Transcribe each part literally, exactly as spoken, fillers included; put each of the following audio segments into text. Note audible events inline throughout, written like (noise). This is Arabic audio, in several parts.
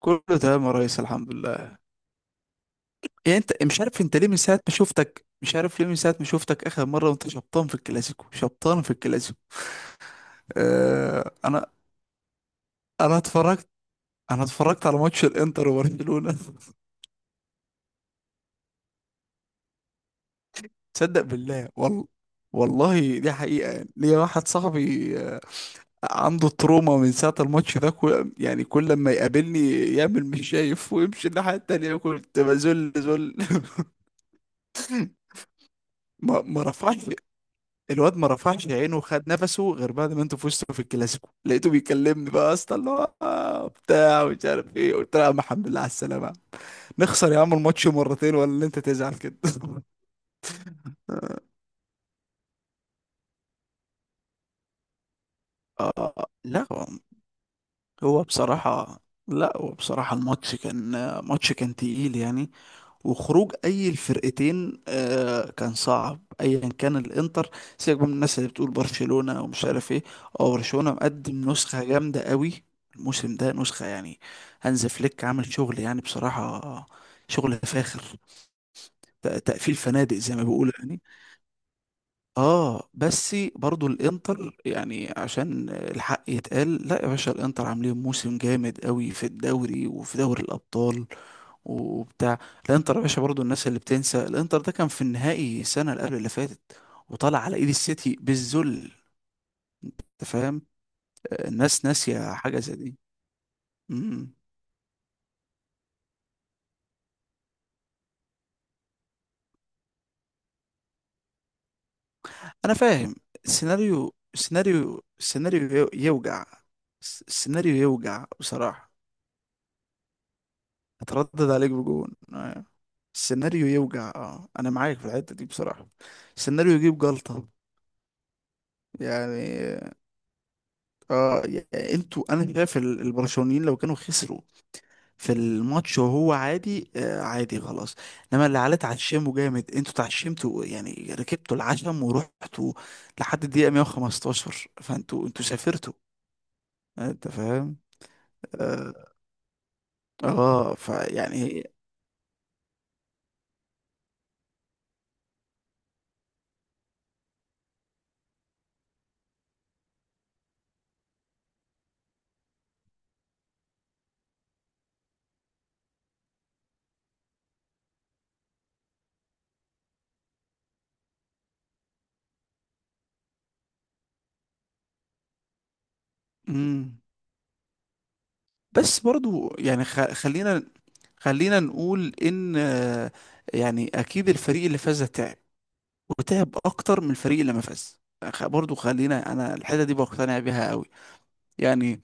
كله تمام يا ريس، الحمد لله. يعني انت مش عارف، انت ليه؟ من ساعة ما شفتك مش عارف ليه. من ساعة ما شفتك اخر مرة وانت شبطان في الكلاسيكو، شبطان في الكلاسيكو. اه انا انا اتفرجت. انا اتفرجت على ماتش الانتر وبرشلونة. (laughs) تصدق بالله؟ والله، والله دي حقيقة. يعني ليا واحد صاحبي آه، عنده تروما من ساعة الماتش ده. كل يعني كل لما يقابلني يعمل مش شايف ويمشي الناحية التانية. كنت بذل ذل. (laughs) ما ما رفعش، الواد ما رفعش عينه وخد نفسه غير بعد ما انتوا فزتوا في الكلاسيكو. لقيته بيكلمني بقى: يا اسطى، اللي هو آه، بتاع ومش عارف ايه. قلت له: يا عم الحمد لله على السلامه، نخسر يا عم الماتش مرتين ولا اللي انت تزعل كده؟ (laughs) آه، لا هو، هو بصراحه لا هو بصراحه الماتش كان، ماتش كان تقيل يعني. وخروج اي الفرقتين آه كان صعب، ايا كان الانتر. سيبك بقى من الناس اللي بتقول برشلونة ومش عارف ايه، او برشلونة مقدم نسخة جامدة قوي الموسم ده، نسخة يعني. هانز فليك عامل شغل يعني بصراحة، شغل فاخر. ت- تقفيل فنادق زي ما بيقولوا يعني. اه بس برضو الانتر، يعني عشان الحق يتقال، لا يا باشا الانتر عاملين موسم جامد قوي في الدوري وفي دوري الابطال وبتاع. الانتر يا باشا، برضو الناس اللي بتنسى، الانتر ده كان في النهائي السنه اللي قبل اللي فاتت وطلع على ايد السيتي بالذل. انت فاهم؟ آه، الناس ناسيه حاجه زي دي. امم، انا فاهم. السيناريو السيناريو السيناريو يو- يوجع. الس- السيناريو يوجع بصراحه. اتردد عليك بجون؟ آه. السيناريو يوجع، اه انا معاك في الحته دي بصراحه. السيناريو يجيب جلطه يعني. اه يعني انتوا، انا شايف ال- البرشلونيين لو كانوا خسروا في الماتش وهو عادي، آه عادي خلاص. انما اللي عليه تعشمه جامد، انتوا تعشمتوا يعني، ركبتوا العشم ورحتوا لحد الدقيقة مية وخمستاشر، فانتوا انتوا سافرتوا. آه، انت فاهم؟ اه، آه فيعني. مم. بس برضو يعني، خ- خلينا، خلينا نقول ان آه، يعني اكيد الفريق اللي فاز ده تعب، وتعب اكتر من الفريق اللي ما فاز. خ- برضو خلينا، انا الحته دي بقتنع بيها قوي يعني.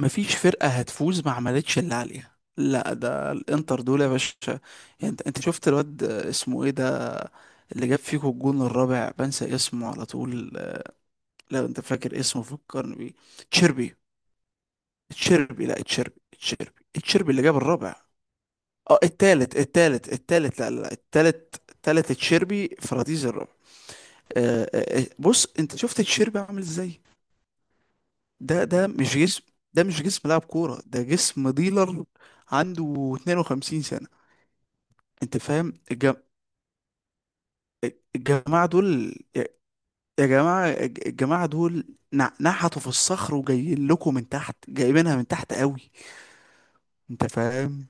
مفيش فرقة هتفوز ما عملتش اللي عليها، لا ده الانتر دول يا باشا. يعني انت انت شفت الواد اسمه ايه ده، اللي جاب فيكو الجون الرابع؟ بنسى اسمه على طول. لو انت فاكر اسمه فكرني بيه. تشيربي. تشيربي؟ لا تشيربي، تشيربي تشيربي اللي جاب الرابع. اه التالت، التالت التالت لا لا لا، التالت، التالت تشيربي، فراديز الرابع. آه، آه، آه، بص انت شفت تشيربي عامل ازاي؟ ده ده مش جسم، ده مش جسم لاعب كورة، ده جسم ديلر. عنده اثنين وخمسين سنة. انت فاهم الج- الجماعة دول يا، يا جماعة الج- الجماعة دول؟ نع- نحتوا في الصخر وجايين لكم من تحت، جايبينها من تحت قوي. انت فاهم؟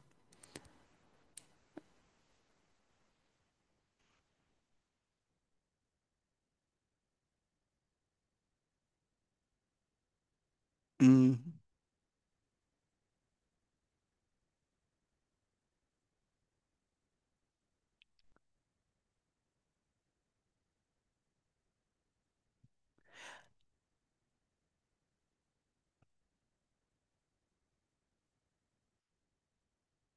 امم،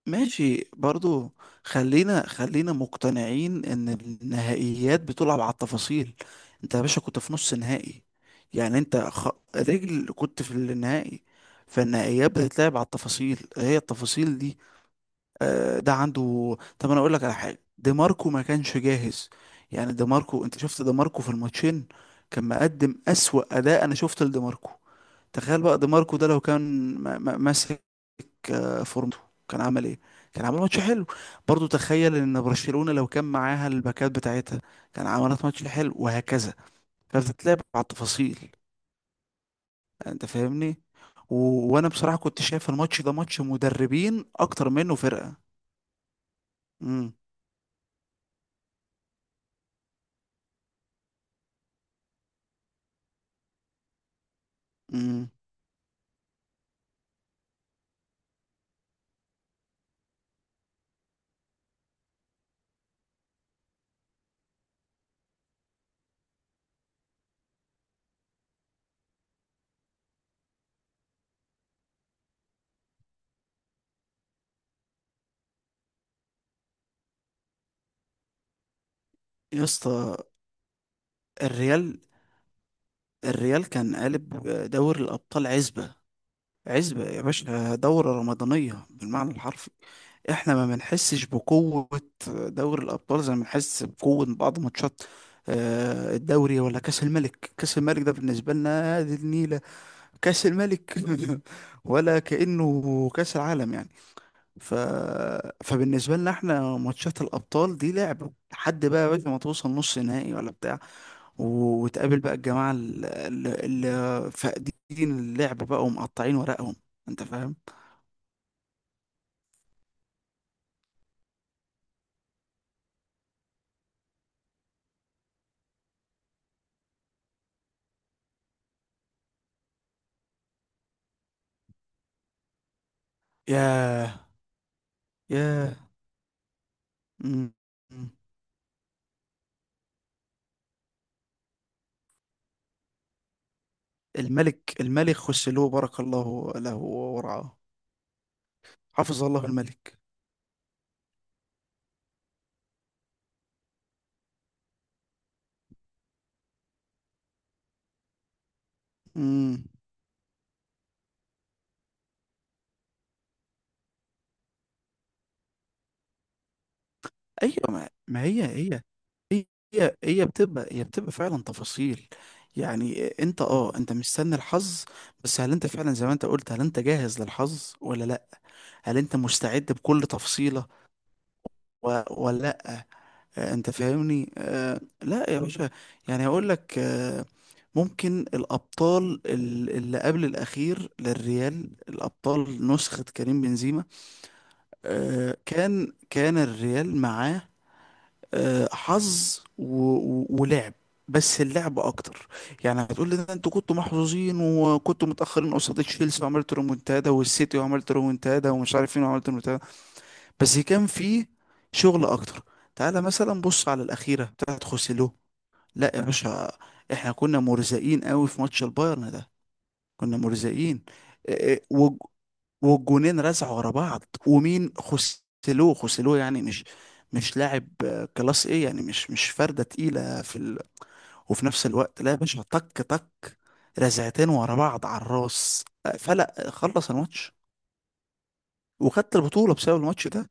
ماشي برضو. خلينا خلينا مقتنعين ان النهائيات بتلعب على التفاصيل. انت يا باشا كنت في نص نهائي، يعني انت خ... رجل كنت في النهائي. فالنهائيات بتتلعب على التفاصيل، هي التفاصيل دي. آه ده عنده، طب انا اقول لك على حاجه، دي ماركو ما كانش جاهز. يعني دي ماركو، انت شفت دي ماركو في الماتشين، كان مقدم اسوأ اداء انا شفت لدي ماركو. تخيل بقى دي ماركو ده لو كان م- م- ماسك آه، فورمته، كان عمل ايه؟ كان عمل ماتش حلو. برضو تخيل ان برشلونة لو كان معاها الباكات بتاعتها، كان عملت ماتش حلو، وهكذا. فبتتلعب على التفاصيل. انت فاهمني؟ و... وانا بصراحة كنت شايف الماتش ده ماتش مدربين اكتر منه فرقة. امم. امم. يا اسطى، الريال، الريال كان قالب دوري الابطال عزبة. عزبة يا باشا، دورة رمضانية بالمعنى الحرفي. احنا ما بنحسش بقوة دوري الأبطال زي ما بنحس بقوة بعض ماتشات آه، الدوري ولا كأس الملك. كأس الملك ده بالنسبة لنا دي النيلة. كأس الملك (laughs) ولا كأنه كأس العالم يعني. ف... فبالنسبة لنا احنا ماتشات الأبطال دي لعبة، لحد بقى يا باشا ما توصل نص نهائي ولا بتاع و- وتقابل بقى الجماعة اللي, اللي فاقدين اللعب بقى ومقطعين ورقهم. انت فاهم؟ ياه. ياه. مم. الملك، الملك خسلوه بارك الله له ورعاه. حفظ الله الملك. امم. ايوه، ما, ما هي هي، هي هي بتبقى، هي بتبقى فعلا تفاصيل. يعني انت، اه انت مستني الحظ، بس هل انت فعلا زي ما انت قلت، هل انت جاهز للحظ ولا لا؟ هل انت مستعد بكل تفصيلة و- ولا؟ آه، انت فاهمني؟ آه، لا يا باشا، يعني هقول لك آه، ممكن الابطال ال- اللي قبل الاخير للريال، الابطال نسخة كريم بنزيما. آه، كان كان الريال معاه آه، حظ و- و- ولعب، بس اللعب اكتر. يعني هتقول لي: ده انتوا كنتوا محظوظين، وكنتوا متاخرين قصاد تشيلسي وعملت رومونتادا، والسيتي وعملت رومونتادا، ومش عارف مين وعملت رومونتادا. بس كان فيه شغل اكتر. تعالى مثلا بص على الاخيره بتاعت خوسيلو، لا يا باشا، احنا كنا مرزقين قوي في ماتش البايرن ده، كنا مرزقين. إيه، إيه، والج- والجونين رزعوا ورا بعض، ومين خسلوه؟ خسلوه يعني مش، مش لاعب آه، كلاس ايه يعني، مش مش فردة تقيلة في ال... وفي نفس الوقت لا يا باشا، طك طك، رزعتين ورا بعض على الراس، آه، فلا خلص الماتش وخدت البطولة بسبب الماتش ده.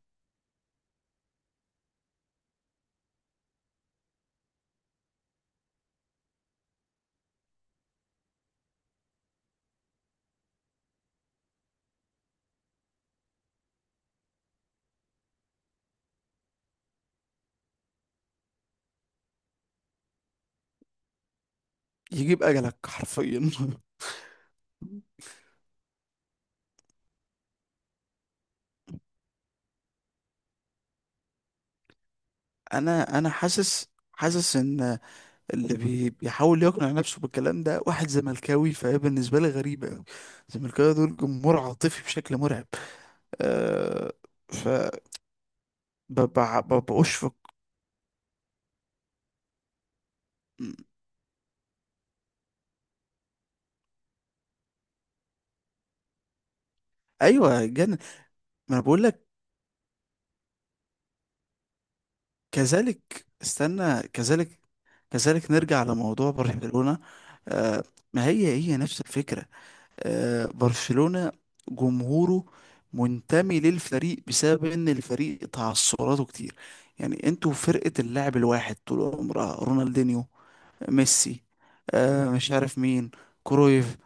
يجيب اجلك حرفيا. (laughs) انا انا حاسس، حاسس ان اللي بي- بيحاول يقنع نفسه بالكلام ده واحد زملكاوي، فهي بالنسبة لي غريبة أوي. الزملكاويه دول جمهور عاطفي بشكل مرعب. أه، ف ب- ب- ب- بأشفق. أيوة جن ما، أنا بقول لك كذلك، استنى كذلك، كذلك نرجع لموضوع برشلونة. أه، ما هي هي نفس الفكرة. آه، برشلونة جمهوره منتمي للفريق بسبب ان الفريق تعثراته كتير. يعني انتوا فرقة اللاعب الواحد طول عمرها: رونالدينيو، ميسي، آه مش عارف مين، كرويف.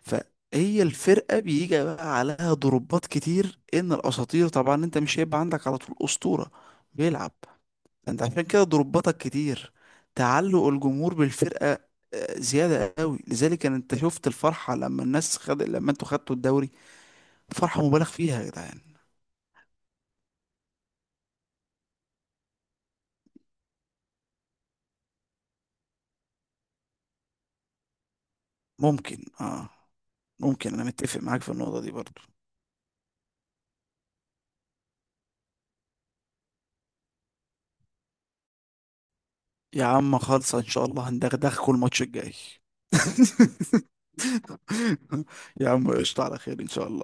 فهي الفرقة بيجي بقى عليها ضربات كتير، ان الاساطير طبعا انت مش هيبقى عندك على طول اسطورة بيلعب. انت عشان كده ضرباتك كتير، تعلق الجمهور بالفرقة آه، زيادة قوي. لذلك ان انت شفت الفرحة لما الناس خد، لما انتوا خدتوا الدوري، فرحة مبالغ فيها يا جدعان. ممكن اه، ممكن انا متفق معاك في النقطة دي برضو. يا عم خالصة ان شاء الله هندغدغكوا الماتش الجاي. (laughs) يا عم قشطة، على خير ان شاء الله.